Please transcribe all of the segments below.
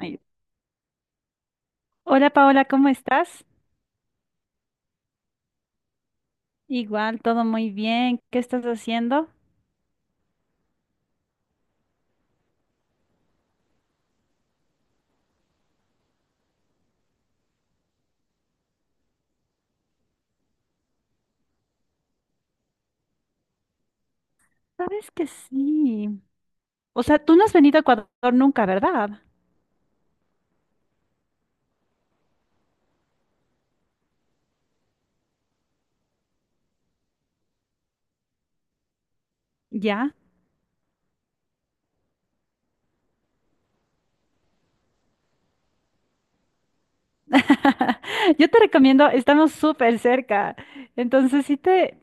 Ay, hola Paola, ¿cómo estás? Igual, todo muy bien. ¿Qué estás haciendo? Sabes que sí. O sea, tú no has venido a Ecuador nunca, ¿verdad? Ya. Yo te recomiendo, estamos súper cerca. Entonces sí te,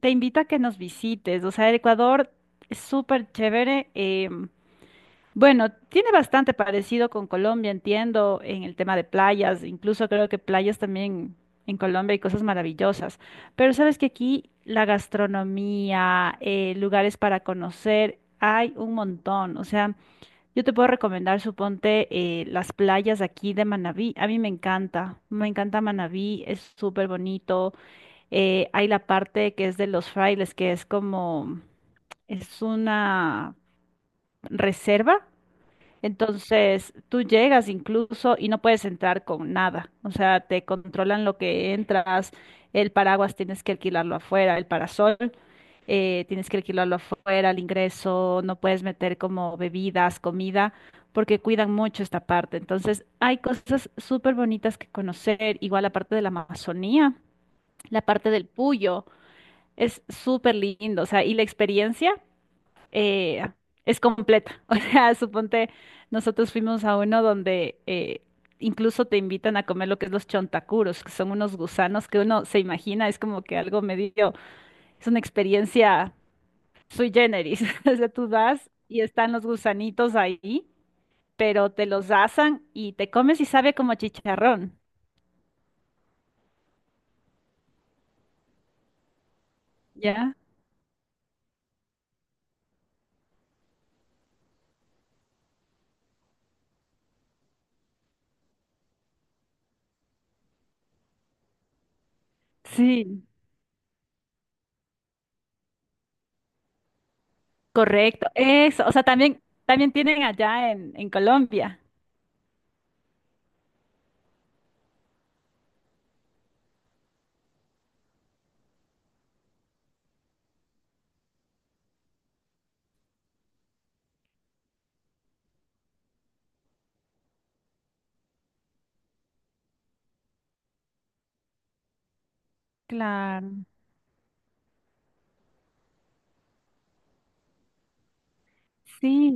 te invito a que nos visites. O sea, el Ecuador es súper chévere. Bueno, tiene bastante parecido con Colombia, entiendo, en el tema de playas. Incluso creo que playas también en Colombia hay cosas maravillosas. Pero sabes que aquí la gastronomía, lugares para conocer, hay un montón. O sea, yo te puedo recomendar, suponte, las playas aquí de Manabí. A mí me encanta Manabí, es súper bonito. Hay la parte que es de los frailes, que es como, es una reserva. Entonces, tú llegas incluso y no puedes entrar con nada. O sea, te controlan lo que entras, el paraguas tienes que alquilarlo afuera, el parasol tienes que alquilarlo afuera. El ingreso, no puedes meter como bebidas, comida, porque cuidan mucho esta parte. Entonces, hay cosas súper bonitas que conocer, igual la parte de la Amazonía, la parte del Puyo, es súper lindo. O sea, y la experiencia eh, es completa. O sea, suponte, nosotros fuimos a uno donde incluso te invitan a comer lo que es los chontacuros, que son unos gusanos que uno se imagina, es como que algo medio, es una experiencia sui generis. O sea, tú vas y están los gusanitos ahí, pero te los asan y te comes y sabe como a chicharrón. ¿Ya? Sí, correcto. Eso, o sea, también tienen allá en Colombia. Claro. Sí.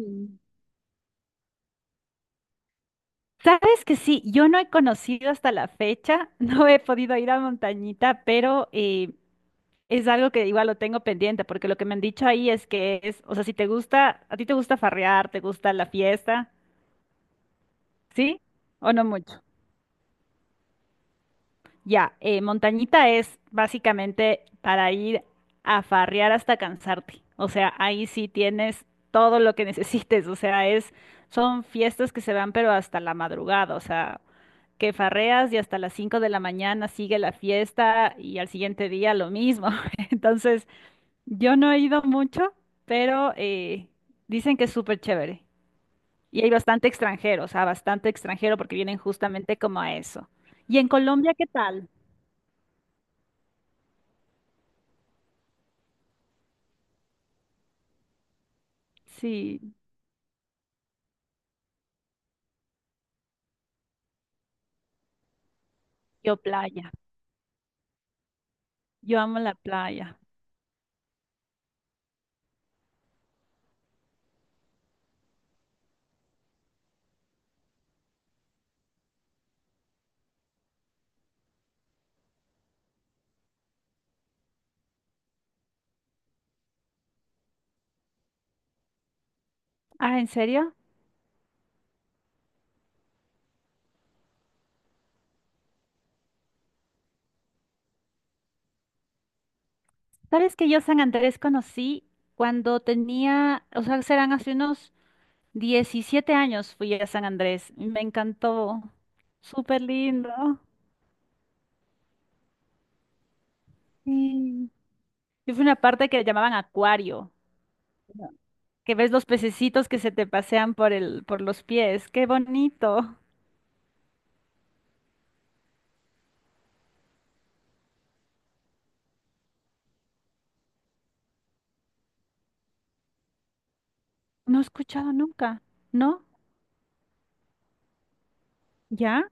Sabes que sí, yo no he conocido hasta la fecha, no he podido ir a Montañita, pero es algo que igual lo tengo pendiente, porque lo que me han dicho ahí es que es, o sea, si te gusta, a ti te gusta farrear, te gusta la fiesta. ¿Sí? ¿O no mucho? Ya, montañita es básicamente para ir a farrear hasta cansarte. O sea, ahí sí tienes todo lo que necesites. O sea, son fiestas que se van pero hasta la madrugada. O sea, que farreas y hasta las 5 de la mañana sigue la fiesta y al siguiente día lo mismo. Entonces, yo no he ido mucho, pero dicen que es súper chévere. Y hay bastante extranjero, o sea, bastante extranjero porque vienen justamente como a eso. ¿Y en Colombia qué tal? Sí, yo playa. Yo amo la playa. Ah, ¿en serio? ¿Sabes que yo San Andrés conocí cuando tenía, o sea, serán hace unos 17 años fui a San Andrés? Y me encantó. Súper lindo. Sí. Yo fui a una parte que llamaban acuario, que ves los pececitos que se te pasean por los pies. ¡Qué bonito! No he escuchado nunca, ¿no? ¿Ya?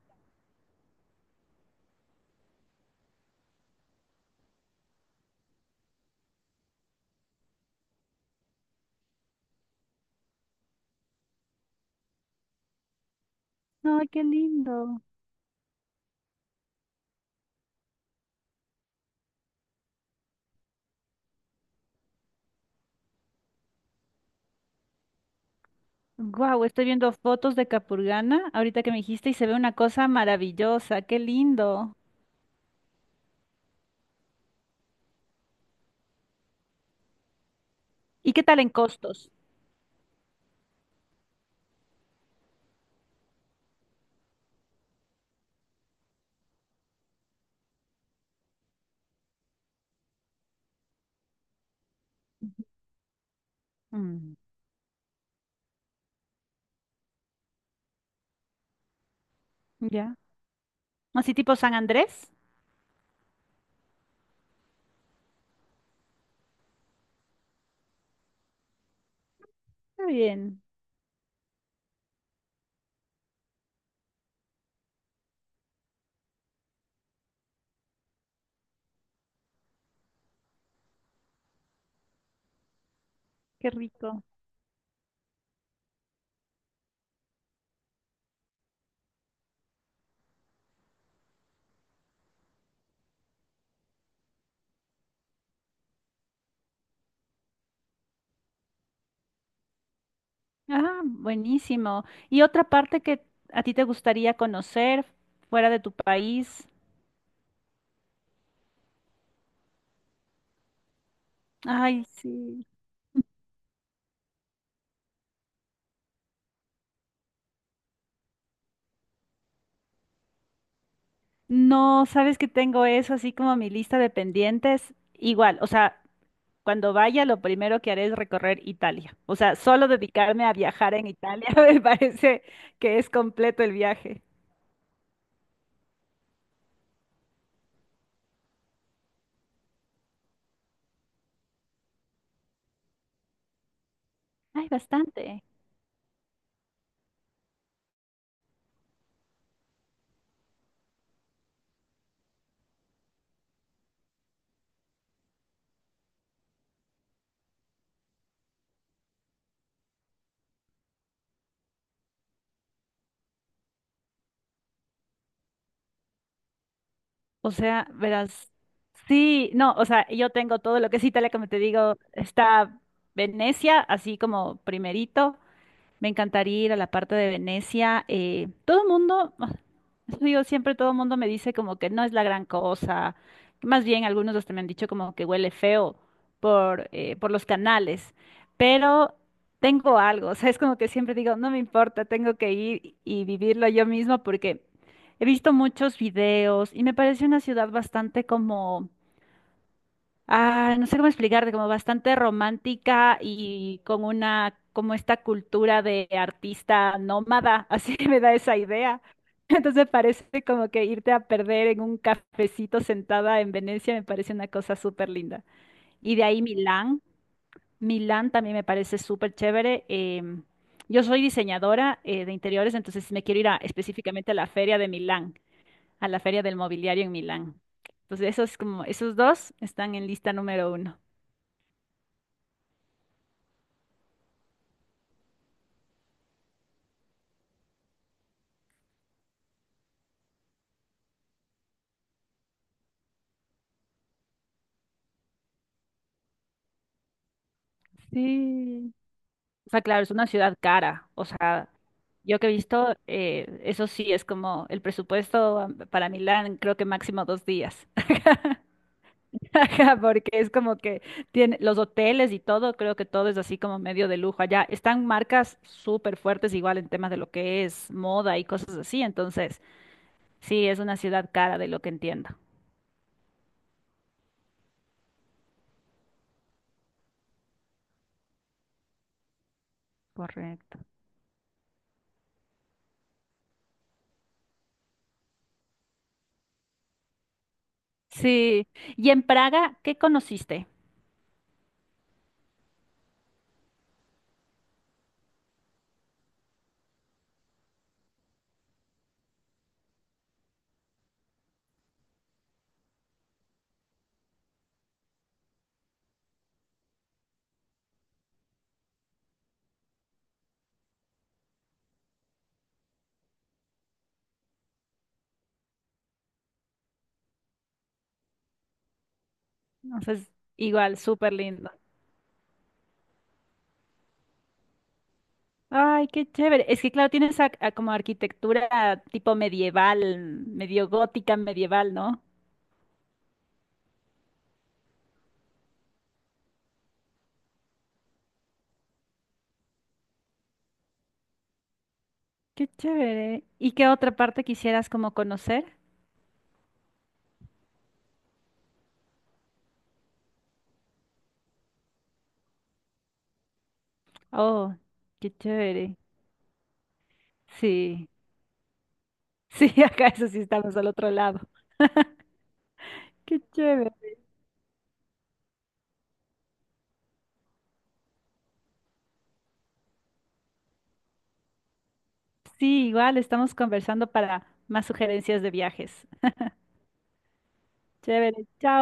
Ay, qué lindo. Wow, estoy viendo fotos de Capurganá ahorita que me dijiste y se ve una cosa maravillosa, qué lindo. ¿Y qué tal en costos? Mm, ya. Así tipo San Andrés. Está bien, qué rico. Ah, buenísimo. ¿Y otra parte que a ti te gustaría conocer fuera de tu país? Ay, sí. No, sabes que tengo eso así como mi lista de pendientes. Igual, o sea, cuando vaya, lo primero que haré es recorrer Italia. O sea, solo dedicarme a viajar en Italia me parece que es completo el viaje. Ay, bastante. O sea, verás, sí, no, o sea, yo tengo todo lo que es Italia, como te digo, está Venecia, así como primerito. Me encantaría ir a la parte de Venecia. Todo el mundo, ah, eso digo, siempre todo el mundo me dice como que no es la gran cosa. Más bien algunos hasta me han dicho como que huele feo por los canales. Pero tengo algo, o sea, es como que siempre digo, no me importa, tengo que ir y vivirlo yo misma porque he visto muchos videos y me parece una ciudad bastante como. Ah, no sé cómo explicarte, como bastante romántica y con una, como esta cultura de artista nómada, así me da esa idea. Entonces parece como que irte a perder en un cafecito sentada en Venecia me parece una cosa súper linda. Y de ahí Milán. Milán también me parece súper chévere. Yo soy diseñadora de interiores, entonces me quiero ir específicamente a la feria de Milán, a la feria del mobiliario en Milán. Entonces esos como, esos dos están en lista número uno. Sí. O sea, claro, es una ciudad cara. O sea, yo que he visto, eso sí, es como el presupuesto para Milán, creo que máximo 2 días. Ajá. Porque es como que tiene los hoteles y todo, creo que todo es así como medio de lujo allá. Están marcas súper fuertes igual en temas de lo que es moda y cosas así. Entonces, sí, es una ciudad cara de lo que entiendo. Correcto. Sí. ¿Y en Praga qué conociste? Entonces, igual, súper lindo. Ay, qué chévere. Es que claro, tienes a como arquitectura tipo medieval, medio gótica medieval, ¿no? Qué chévere. ¿Y qué otra parte quisieras como conocer? Oh, qué chévere. Sí, sí, acá eso sí estamos al otro lado. Qué chévere. Sí, igual estamos conversando para más sugerencias de viajes. Chévere. Chao.